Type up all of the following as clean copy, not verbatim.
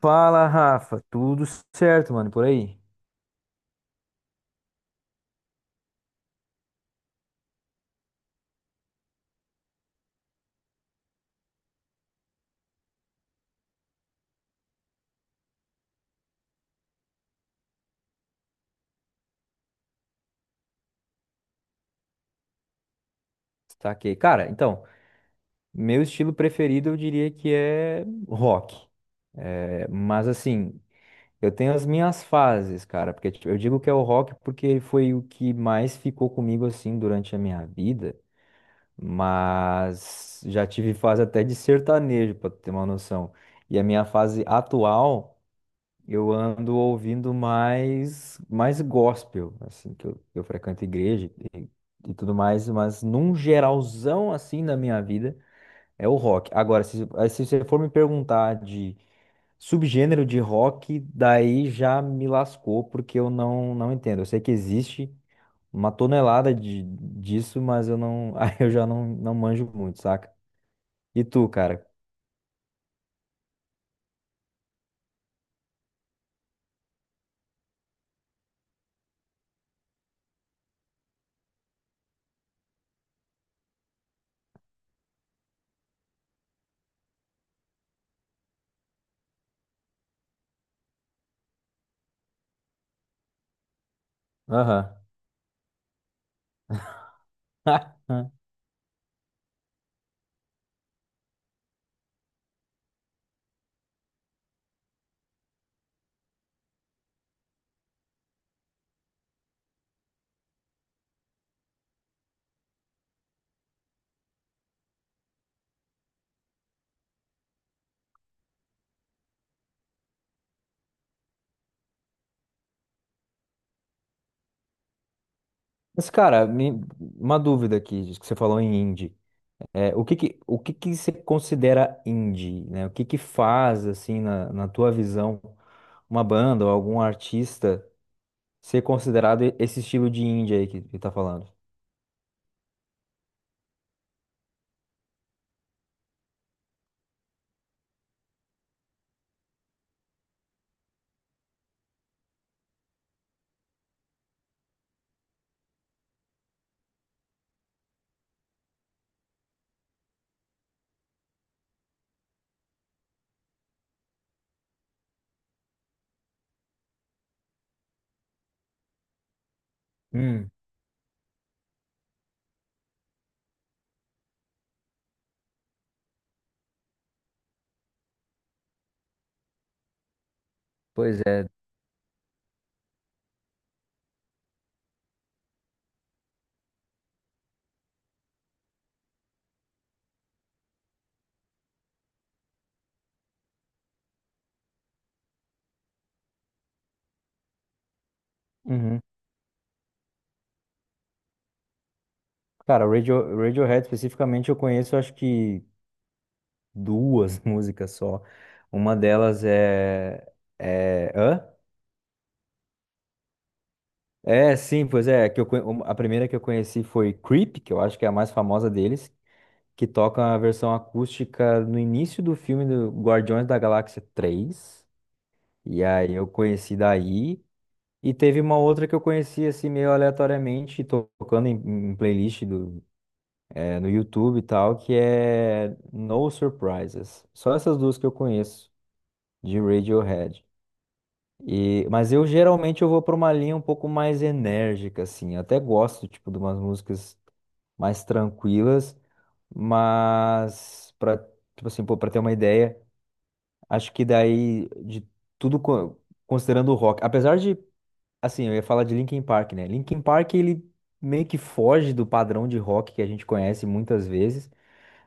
Fala, Rafa. Tudo certo, mano, por aí? Saquei. Cara, então, meu estilo preferido eu diria que é rock. É, mas assim, eu tenho as minhas fases, cara, porque tipo, eu digo que é o rock porque foi o que mais ficou comigo assim durante a minha vida, mas já tive fase até de sertanejo, pra tu ter uma noção. E a minha fase atual, eu ando ouvindo mais, mais gospel, assim, que eu frequento igreja e tudo mais, mas num geralzão, assim, na minha vida, é o rock. Agora, se você for me perguntar de subgênero de rock, daí já me lascou, porque eu não, não entendo. Eu sei que existe uma tonelada disso, mas eu não... Aí eu já não manjo muito, saca? E tu, cara? Aham. Mas, cara, uma dúvida aqui, diz que você falou em indie. É, o que que você considera indie, né? O que que faz, assim, na tua visão, uma banda ou algum artista ser considerado esse estilo de indie aí que tá falando? Hum, pois é. Uhum. Cara, Radiohead especificamente eu conheço, acho que duas músicas só. Uma delas é... É... Hã? É, sim, pois é. Que a primeira que eu conheci foi Creep, que eu acho que é a mais famosa deles, que toca a versão acústica no início do filme do Guardiões da Galáxia 3. E aí eu conheci daí. E teve uma outra que eu conheci assim meio aleatoriamente, tocando em playlist do, no YouTube e tal, que é No Surprises. Só essas duas que eu conheço de Radiohead. E, mas eu geralmente eu vou para uma linha um pouco mais enérgica, assim. Eu até gosto, tipo, de umas músicas mais tranquilas. Mas para, tipo assim, pô, para ter uma ideia, acho que daí de tudo co- considerando o rock, apesar de assim, eu ia falar de Linkin Park, né? Linkin Park ele meio que foge do padrão de rock que a gente conhece muitas vezes,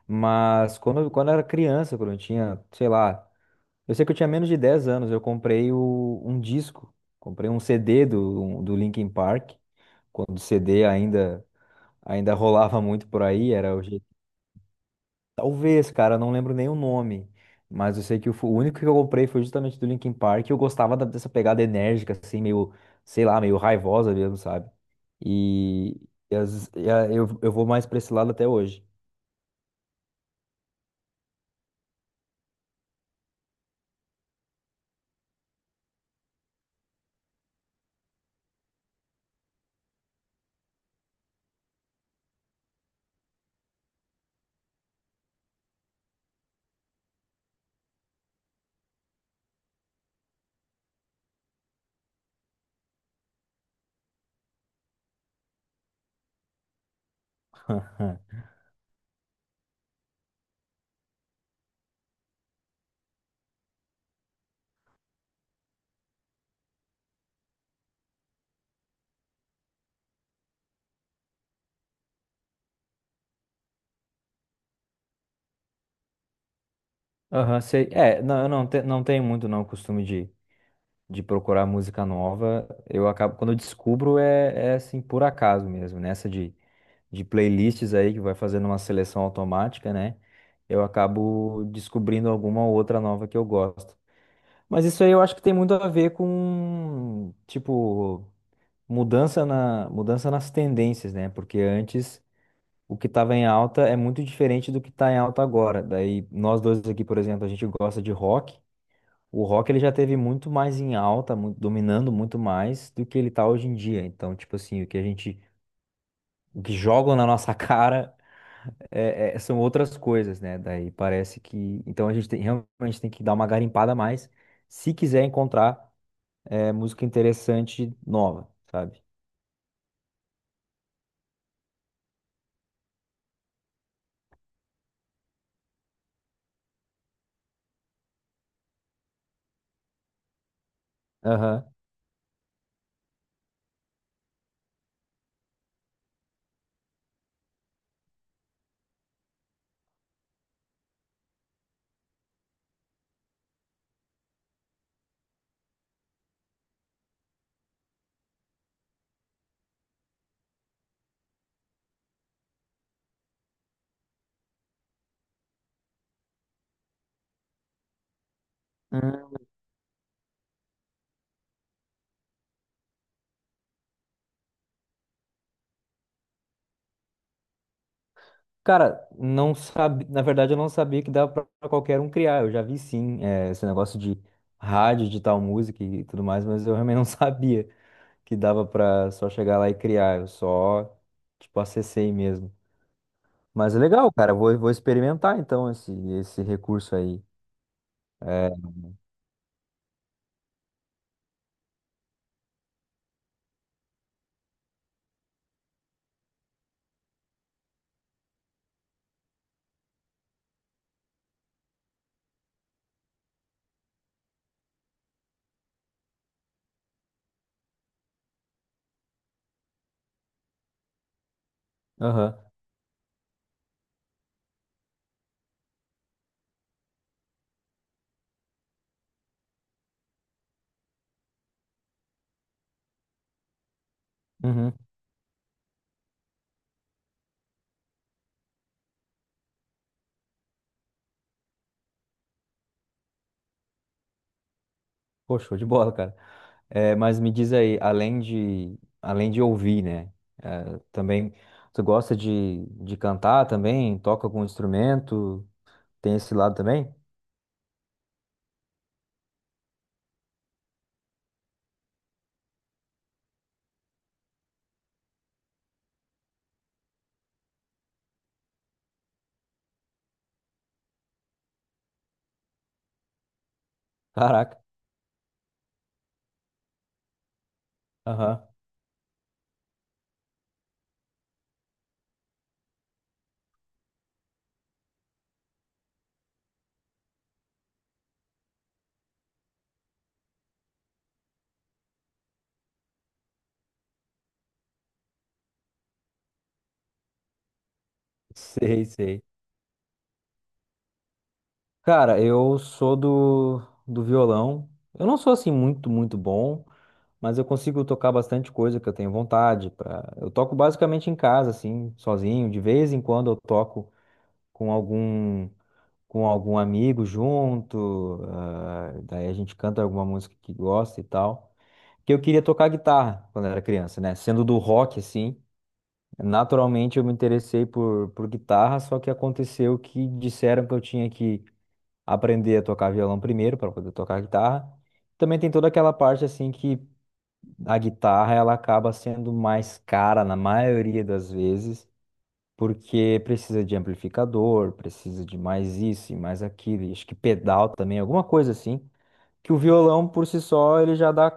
mas quando eu era criança, quando eu tinha, sei lá, eu sei que eu tinha menos de 10 anos, eu comprei um disco, comprei um CD do Linkin Park, quando o CD ainda ainda rolava muito por aí, era... Talvez, cara, eu não lembro nem o nome. Mas eu sei que o único que eu comprei foi justamente do Linkin Park. E eu gostava dessa pegada enérgica, assim, meio, sei lá, meio raivosa mesmo, sabe? E, eu vou mais pra esse lado até hoje. Aham, sei. É, não, eu não, te- não tenho muito não o costume de procurar música nova. Eu acabo, quando eu descubro, é assim, por acaso mesmo, nessa de playlists aí que vai fazendo uma seleção automática, né? Eu acabo descobrindo alguma outra nova que eu gosto. Mas isso aí eu acho que tem muito a ver com, tipo, mudança nas tendências, né? Porque antes o que estava em alta é muito diferente do que está em alta agora. Daí nós dois aqui, por exemplo, a gente gosta de rock. O rock ele já teve muito mais em alta, dominando muito mais do que ele tá hoje em dia. Então, tipo assim, o que a gente, o que jogam na nossa cara são outras coisas, né? Daí parece que... Então a gente tem, realmente tem que dar uma garimpada a mais se quiser encontrar, música interessante nova, sabe? Aham. Hum. Cara, não sabe, na verdade eu não sabia que dava pra qualquer um criar. Eu já vi sim, esse negócio de rádio, de tal música e tudo mais, mas eu realmente não sabia que dava pra só chegar lá e criar. Eu só, tipo, acessei mesmo. Mas é legal, cara. Vou experimentar então esse recurso aí. É, aham. Uhum. Pô, show de bola, cara. É, mas me diz aí, além de ouvir, né? é, também, tu gosta de cantar também? Toca algum instrumento? Tem esse lado também? Caraca. Aham. Sei, sei. Cara, eu sou do, do violão. Eu não sou assim muito bom, mas eu consigo tocar bastante coisa que eu tenho vontade pra... Eu toco basicamente em casa, assim, sozinho. De vez em quando eu toco com algum, com algum amigo junto, ah, daí a gente canta alguma música que gosta e tal. Porque eu queria tocar guitarra quando era criança, né? Sendo do rock, assim, naturalmente eu me interessei por guitarra, só que aconteceu que disseram que eu tinha que aprender a tocar violão primeiro para poder tocar guitarra. Também tem toda aquela parte, assim, que a guitarra ela acaba sendo mais cara na maioria das vezes, porque precisa de amplificador, precisa de mais isso e mais aquilo, e acho que pedal também, alguma coisa assim, que o violão por si só ele já dá,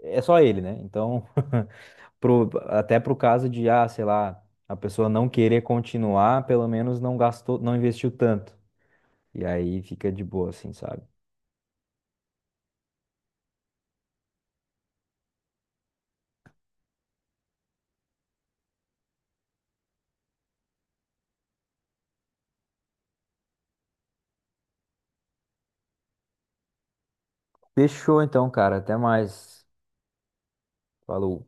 é só ele, né? Então, pro, até pro caso de, ah, sei lá, a pessoa não querer continuar, pelo menos não gastou, não investiu tanto. E aí fica de boa, assim, sabe? Fechou então, cara. Até mais. Falou.